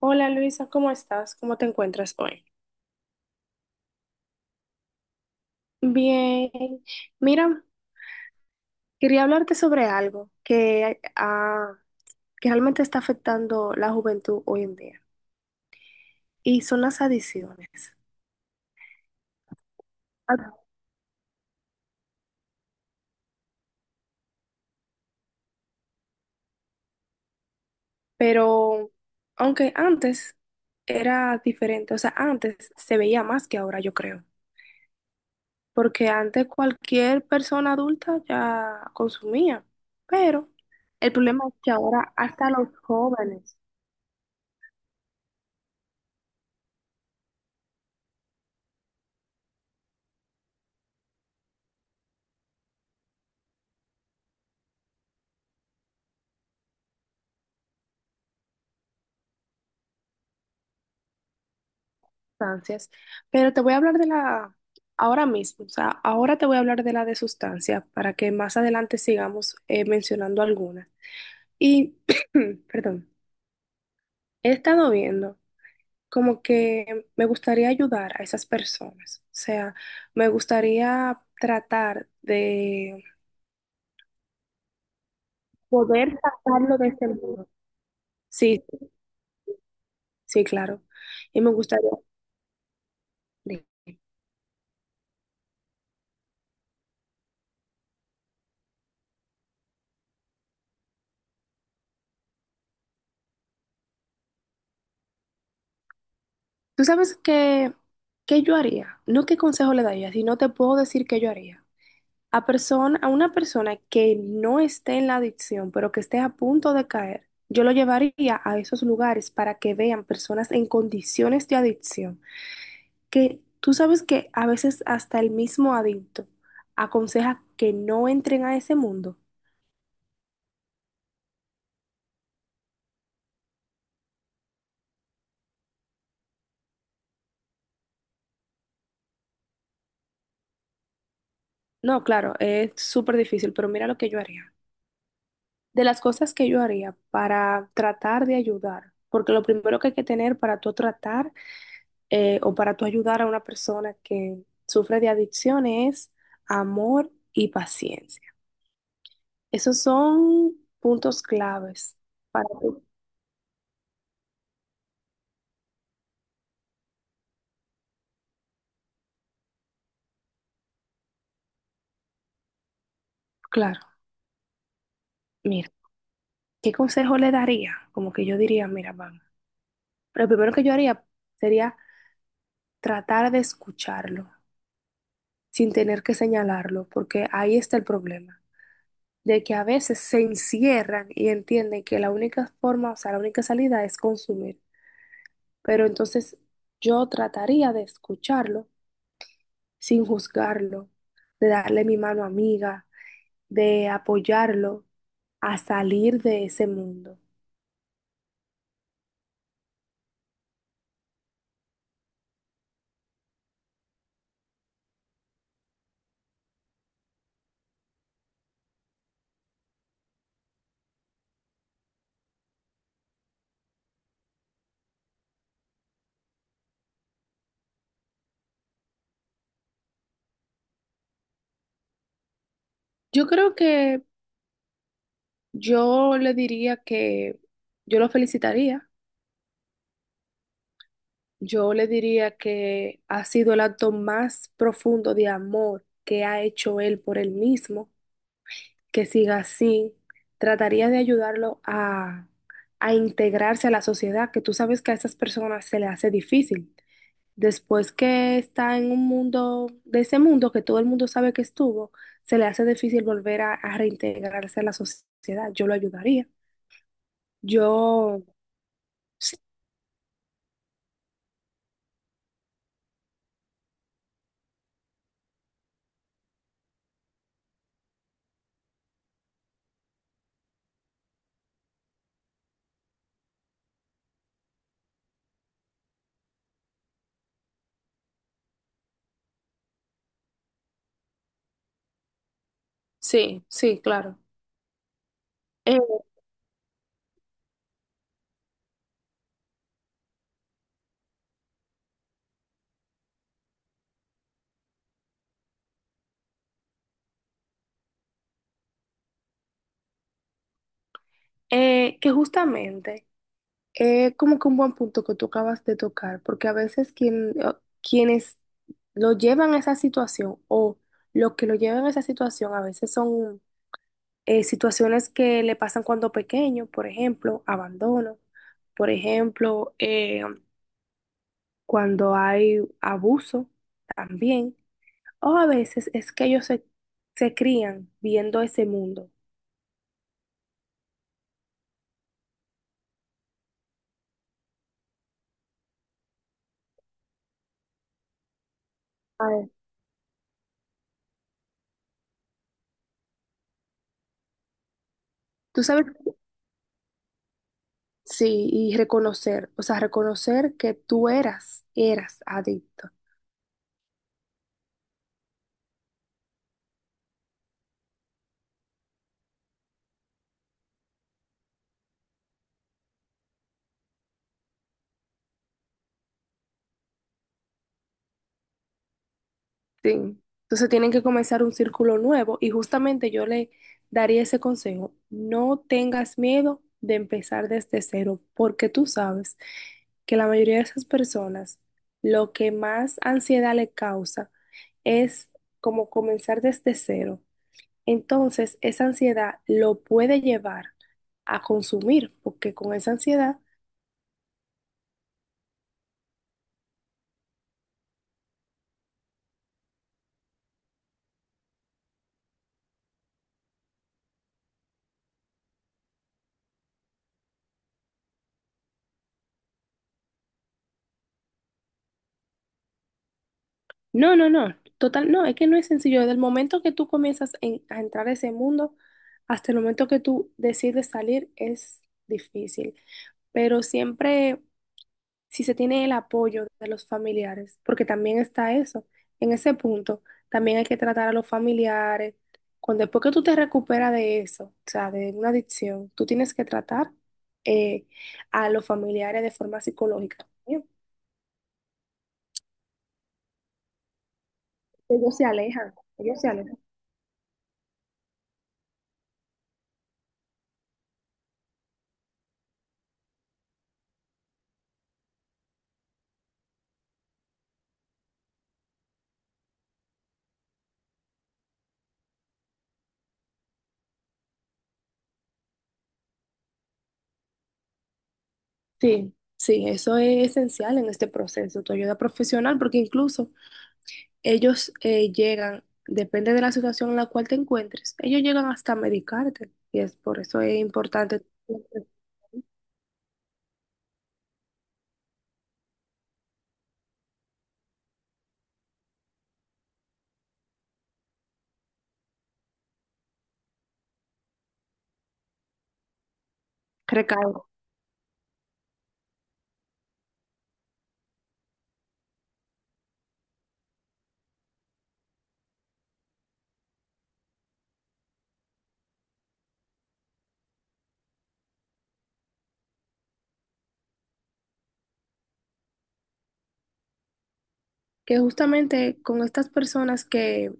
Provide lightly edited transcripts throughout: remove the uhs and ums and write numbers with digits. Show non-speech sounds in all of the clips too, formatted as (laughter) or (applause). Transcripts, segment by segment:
Hola Luisa, ¿cómo estás? ¿Cómo te encuentras hoy? Bien. Mira, quería hablarte sobre algo que que realmente está afectando la juventud hoy en día y son las adicciones. Ah. Pero aunque antes era diferente, o sea, antes se veía más que ahora, yo creo, porque antes cualquier persona adulta ya consumía, pero el problema es que ahora hasta los jóvenes. Sustancias, pero te voy a hablar de la ahora mismo, o sea, ahora te voy a hablar de la de sustancias para que más adelante sigamos mencionando algunas. Y, (clears throat) perdón, he estado viendo como que me gustaría ayudar a esas personas, o sea, me gustaría tratar de poder sacarlo de ese mundo. Sí, sí, claro. Y me gustaría... Sí. ¿Tú sabes qué yo haría? No qué consejo le daría, sino te puedo decir qué yo haría. A una persona que no esté en la adicción, pero que esté a punto de caer, yo lo llevaría a esos lugares para que vean personas en condiciones de adicción, que tú sabes que a veces hasta el mismo adicto aconseja que no entren a ese mundo. No, claro, es súper difícil, pero mira lo que yo haría. De las cosas que yo haría para tratar de ayudar, porque lo primero que hay que tener para tú tratar o para tú ayudar a una persona que sufre de adicciones, amor y paciencia. Esos son puntos claves para tú. Claro, mira, ¿qué consejo le daría? Como que yo diría, mira, vamos. Lo primero que yo haría sería tratar de escucharlo sin tener que señalarlo, porque ahí está el problema, de que a veces se encierran y entienden que la única forma, o sea, la única salida es consumir. Pero entonces yo trataría de escucharlo sin juzgarlo, de darle mi mano amiga, de apoyarlo a salir de ese mundo. Yo creo que yo le diría que yo lo felicitaría. Yo le diría que ha sido el acto más profundo de amor que ha hecho él por él mismo, que siga así. Trataría de ayudarlo a integrarse a la sociedad, que tú sabes que a esas personas se le hace difícil. Después que está en un mundo, de ese mundo que todo el mundo sabe que estuvo, se le hace difícil volver a reintegrarse a la sociedad. Yo lo ayudaría. Yo, sí, sí, sí, claro. Eh, que justamente es como que un buen punto que tú acabas de tocar, porque a veces quienes lo llevan a esa situación o lo que lo llevan a esa situación a veces son situaciones que le pasan cuando pequeño, por ejemplo, abandono, por ejemplo, cuando hay abuso también, o a veces es que ellos se crían viendo ese mundo. Ay. Tú sabes, sí, y reconocer, o sea, reconocer que tú eras adicto. Sí. Entonces tienen que comenzar un círculo nuevo y justamente yo le daría ese consejo. No tengas miedo de empezar desde cero, porque tú sabes que la mayoría de esas personas lo que más ansiedad le causa es como comenzar desde cero. Entonces, esa ansiedad lo puede llevar a consumir, porque con esa ansiedad... No, no, no, total, no, es que no es sencillo. Desde el momento que tú comienzas a entrar a ese mundo hasta el momento que tú decides salir es difícil, pero siempre si se tiene el apoyo de los familiares, porque también está eso, en ese punto también hay que tratar a los familiares. Cuando después que tú te recuperas de eso, o sea, de una adicción, tú tienes que tratar eh, a los familiares de forma psicológica. ¿Sí? Ellos se alejan, ellos se alejan. Sí, sí, eso es esencial en este proceso, tu ayuda profesional, porque incluso ellos llegan, depende de la situación en la cual te encuentres, ellos llegan hasta medicarte, y es por eso es importante. (laughs) Recalco que justamente con estas personas que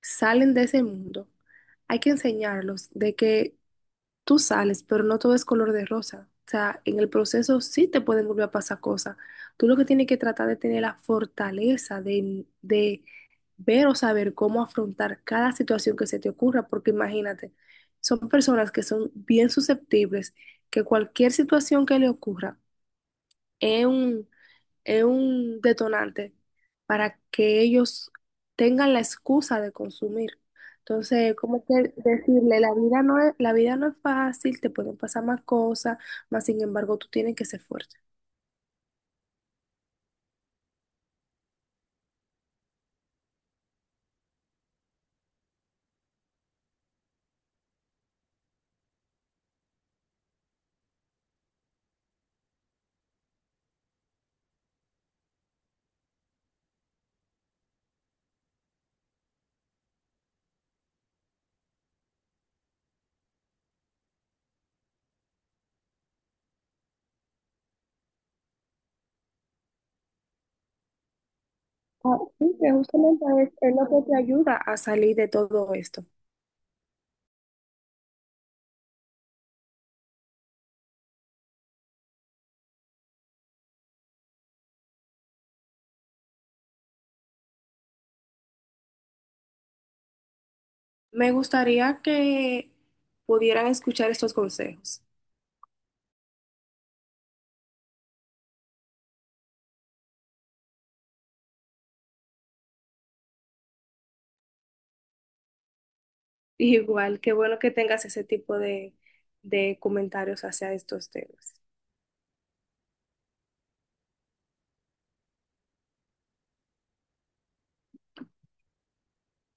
salen de ese mundo, hay que enseñarlos de que tú sales, pero no todo es color de rosa. O sea, en el proceso sí te pueden volver a pasar cosas. Tú lo que tienes que tratar de tener la fortaleza de ver o saber cómo afrontar cada situación que se te ocurra, porque imagínate, son personas que son bien susceptibles, que cualquier situación que le ocurra es un detonante para que ellos tengan la excusa de consumir. Entonces, como que decirle, la vida no es fácil, te pueden pasar más cosas, mas sin embargo tú tienes que ser fuerte. Ah, sí, que justamente es lo que te ayuda a salir de todo esto. Me gustaría que pudieran escuchar estos consejos. (laughs) Igual, qué bueno que tengas ese tipo de comentarios hacia estos temas.